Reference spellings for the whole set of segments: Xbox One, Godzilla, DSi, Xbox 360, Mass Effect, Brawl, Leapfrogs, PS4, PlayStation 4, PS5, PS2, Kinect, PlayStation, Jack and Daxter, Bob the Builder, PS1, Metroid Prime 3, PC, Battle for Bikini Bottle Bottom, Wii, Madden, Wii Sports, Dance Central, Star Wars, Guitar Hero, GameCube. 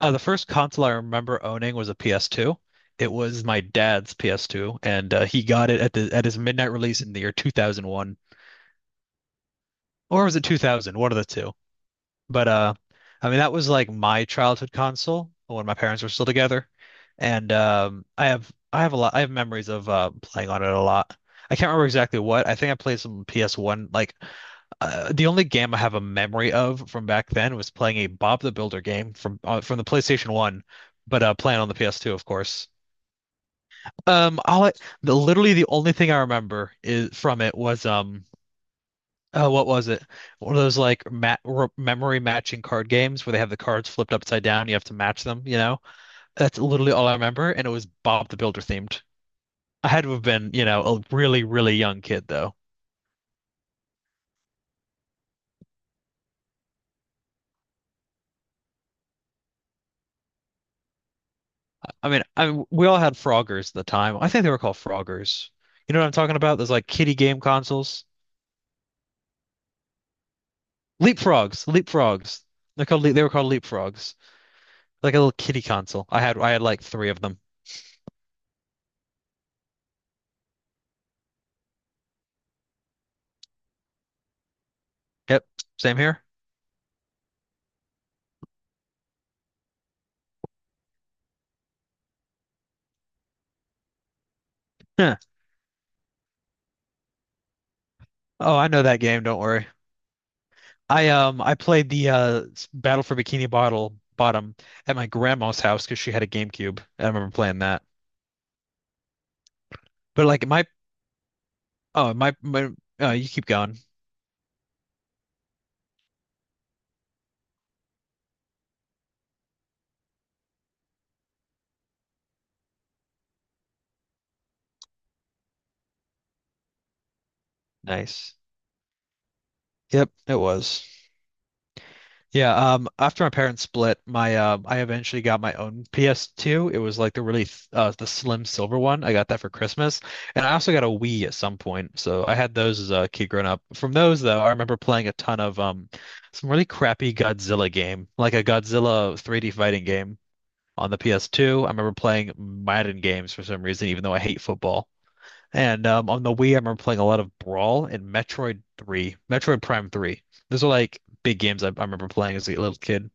The first console I remember owning was a PS2. It was my dad's PS2, and he got it at the at his midnight release in the year 2001, or was it 2000? One of the two. But I mean that was like my childhood console when my parents were still together, and I have memories of playing on it a lot. I can't remember exactly what. I think I played some PS1. Like the only game I have a memory of from back then was playing a Bob the Builder game from the PlayStation 1, but playing on the PS2, of course. Um, all I, literally the only thing I remember is from it was. Oh, what was it? One of those like memory matching card games where they have the cards flipped upside down. You have to match them, you know? That's literally all I remember. And it was Bob the Builder themed. I had to have been, a really, really young kid though. I mean, I we all had Froggers at the time. I think they were called Froggers. You know what I'm talking about? Those like kiddie game consoles. Leapfrogs, Leapfrogs. They were called Leapfrogs. Like a little kiddie console. I had like three of them. Yep, same here. Huh. Oh, I know that game. Don't worry. I played the Battle for Bikini Bottle Bottom at my grandma's house because she had a GameCube. I remember playing that. But like my oh my my oh you keep going. Nice. Yep, it was. Yeah, after my parents split, my I eventually got my own PS2. It was like the slim silver one. I got that for Christmas, and I also got a Wii at some point. So I had those as a kid growing up. From those though, I remember playing a ton of some really crappy Godzilla game, like a Godzilla 3D fighting game on the PS2. I remember playing Madden games for some reason, even though I hate football. And on the Wii, I remember playing a lot of Brawl and Metroid 3, Metroid Prime 3. Those are like big games I remember playing as a little kid.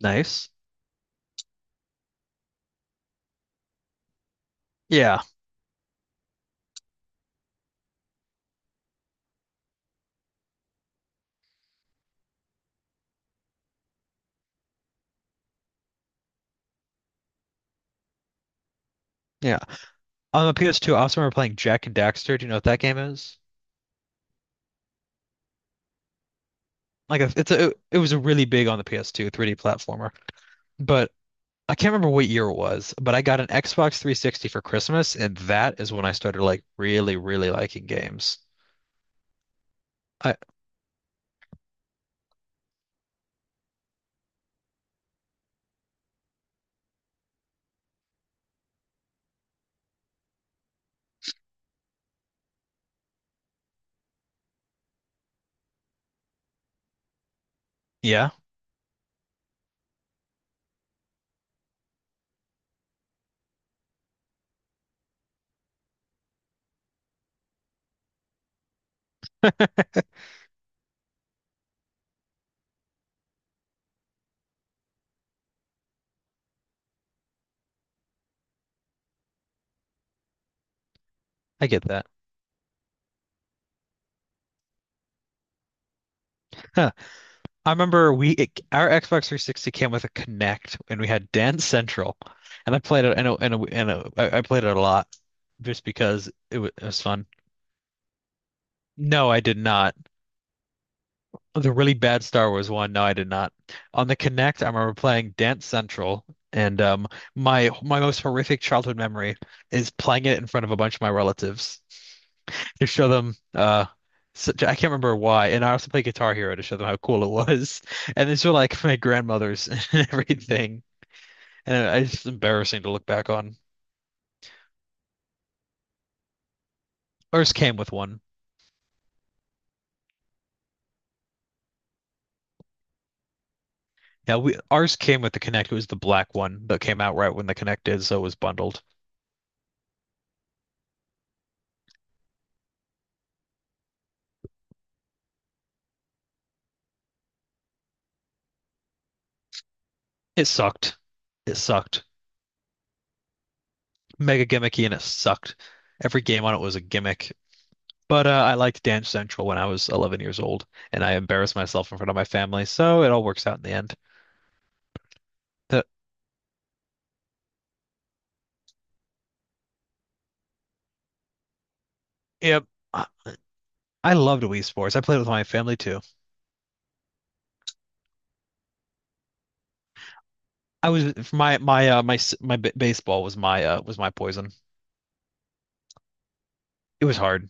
Nice. Yeah. Yeah. On the PS2, I also remember playing Jack and Daxter. Do you know what that game is? Like a, it's a it was a really big on the PS2 3D platformer. But I can't remember what year it was, but I got an Xbox 360 for Christmas, and that is when I started like really, really liking games. I Yeah, I get that. I remember our Xbox 360 came with a Connect, and we had Dance Central, and I played it. I know, and I played it a lot, just because it was fun. No, I did not. The really bad Star Wars one. No, I did not. On the Connect, I remember playing Dance Central, and my most horrific childhood memory is playing it in front of a bunch of my relatives to show them. I can't remember why. And I also play Guitar Hero to show them how cool it was. And these were like my grandmother's and everything. It's embarrassing to look back on. Ours came with one. Yeah, we ours came with the Connect. It was the black one that came out right when the Connect did, so it was bundled. It sucked. It sucked. Mega gimmicky and it sucked. Every game on it was a gimmick. But I liked Dance Central when I was 11 years old, and I embarrassed myself in front of my family, so it all works out in the end. The, yep. I loved Wii Sports. I played with my family too. I was my my my my b baseball was my poison. It was hard,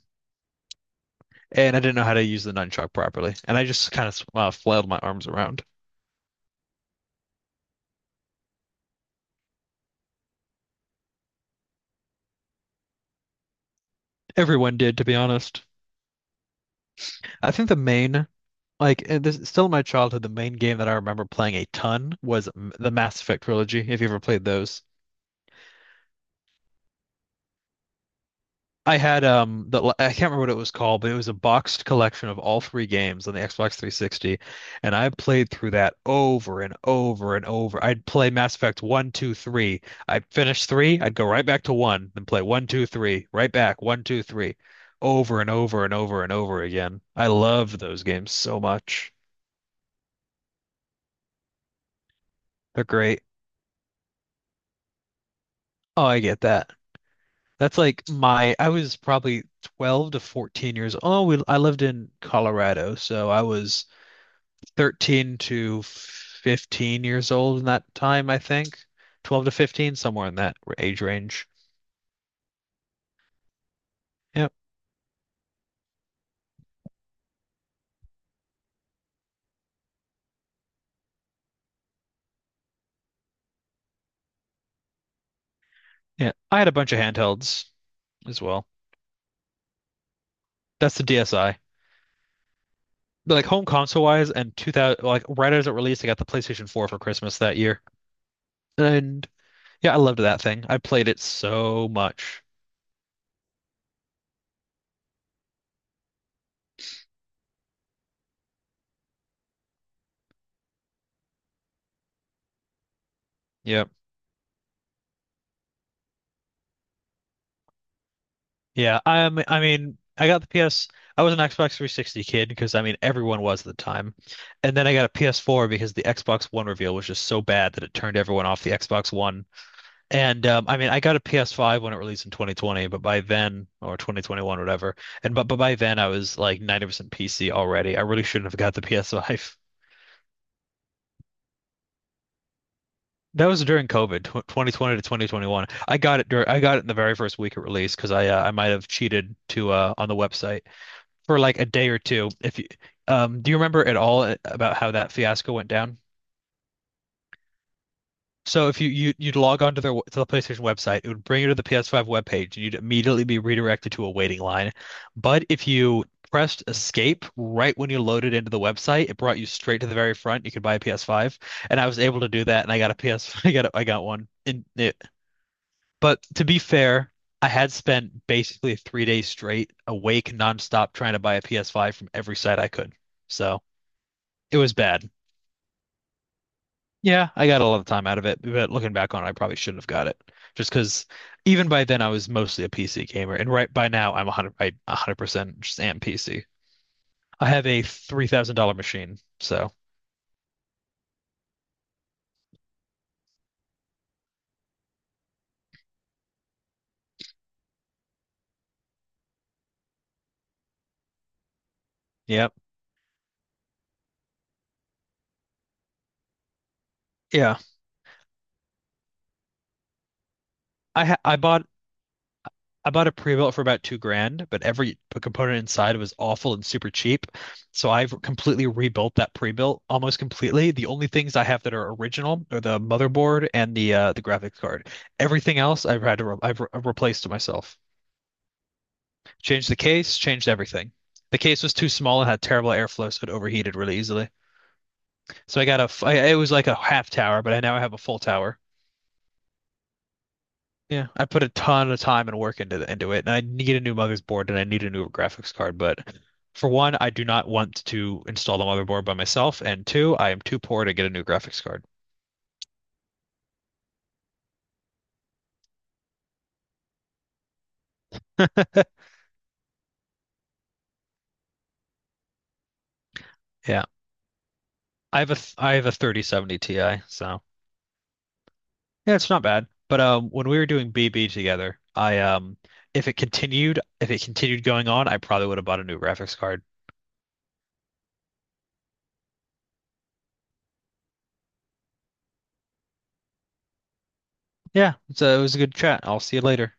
and I didn't know how to use the nunchuck properly, and I just kind of flailed my arms around. Everyone did, to be honest. I think the main, like this, still in my childhood, the main game that I remember playing a ton was the Mass Effect trilogy. If you ever played those. I had the I can't remember what it was called, but it was a boxed collection of all three games on the Xbox 360, and I played through that over and over and over. I'd play Mass Effect one, two, three. I'd finish three, I'd go right back to one, then play one, two, three, right back, one, two, three, over and over and over and over again. I loved those games so much. They're great. Oh, I get that. That's like my I was probably 12 to 14 years old. Oh, I lived in Colorado, so I was 13 to 15 years old in that time, I think. 12 to 15, somewhere in that age range. Yep. Yeah. I had a bunch of handhelds as well. That's the DSi. But like home console wise and 2000 like right as it released, I got the PlayStation 4 for Christmas that year. And yeah, I loved that thing. I played it so much. Yeah. Yeah, I mean, I got the PS. I was an Xbox 360 kid because I mean everyone was at the time, and then I got a PS4 because the Xbox One reveal was just so bad that it turned everyone off the Xbox One. And I mean, I got a PS5 when it released in 2020, but by then or 2021, whatever. And but by then I was like 90% PC already. I really shouldn't have got the PS5. That was during COVID, tw 2020 to 2021. I got it in the very first week of release because I might have cheated to on the website for like a day or two. If you, do you remember at all about how that fiasco went down? So if you, you'd log onto the PlayStation website, it would bring you to the PS5 webpage, and you'd immediately be redirected to a waiting line. But if you pressed escape right when you loaded into the website, it brought you straight to the very front. You could buy a PS5, and I was able to do that, and I got a PS, I got one. But to be fair, I had spent basically 3 days straight awake nonstop trying to buy a PS5 from every site I could. So. It was bad. Yeah, I got a lot of time out of it, but looking back on it, I probably shouldn't have got it. Just because even by then I was mostly a PC gamer, and right by now I 100% just am PC. I have a $3,000 machine, so yep. Yeah, I ha I bought I bought a pre-built for about 2 grand, but every component inside was awful and super cheap. So I've completely rebuilt that pre-built almost completely. The only things I have that are original are the motherboard and the graphics card. Everything else I've had to re I've re replaced to myself. Changed the case, changed everything. The case was too small and had terrible airflow, so it overheated really easily. So I got it was like a half tower, but I now have a full tower. Yeah, I put a ton of time and work into it, and I need a new motherboard and I need a new graphics card. But for one, I do not want to install the motherboard by myself, and two, I am too poor to get a new graphics card. Yeah, I have a 3070 Ti, so yeah, it's not bad. But when we were doing BB together, I if it continued going on, I probably would have bought a new graphics card. Yeah, so it was a good chat. I'll see you later.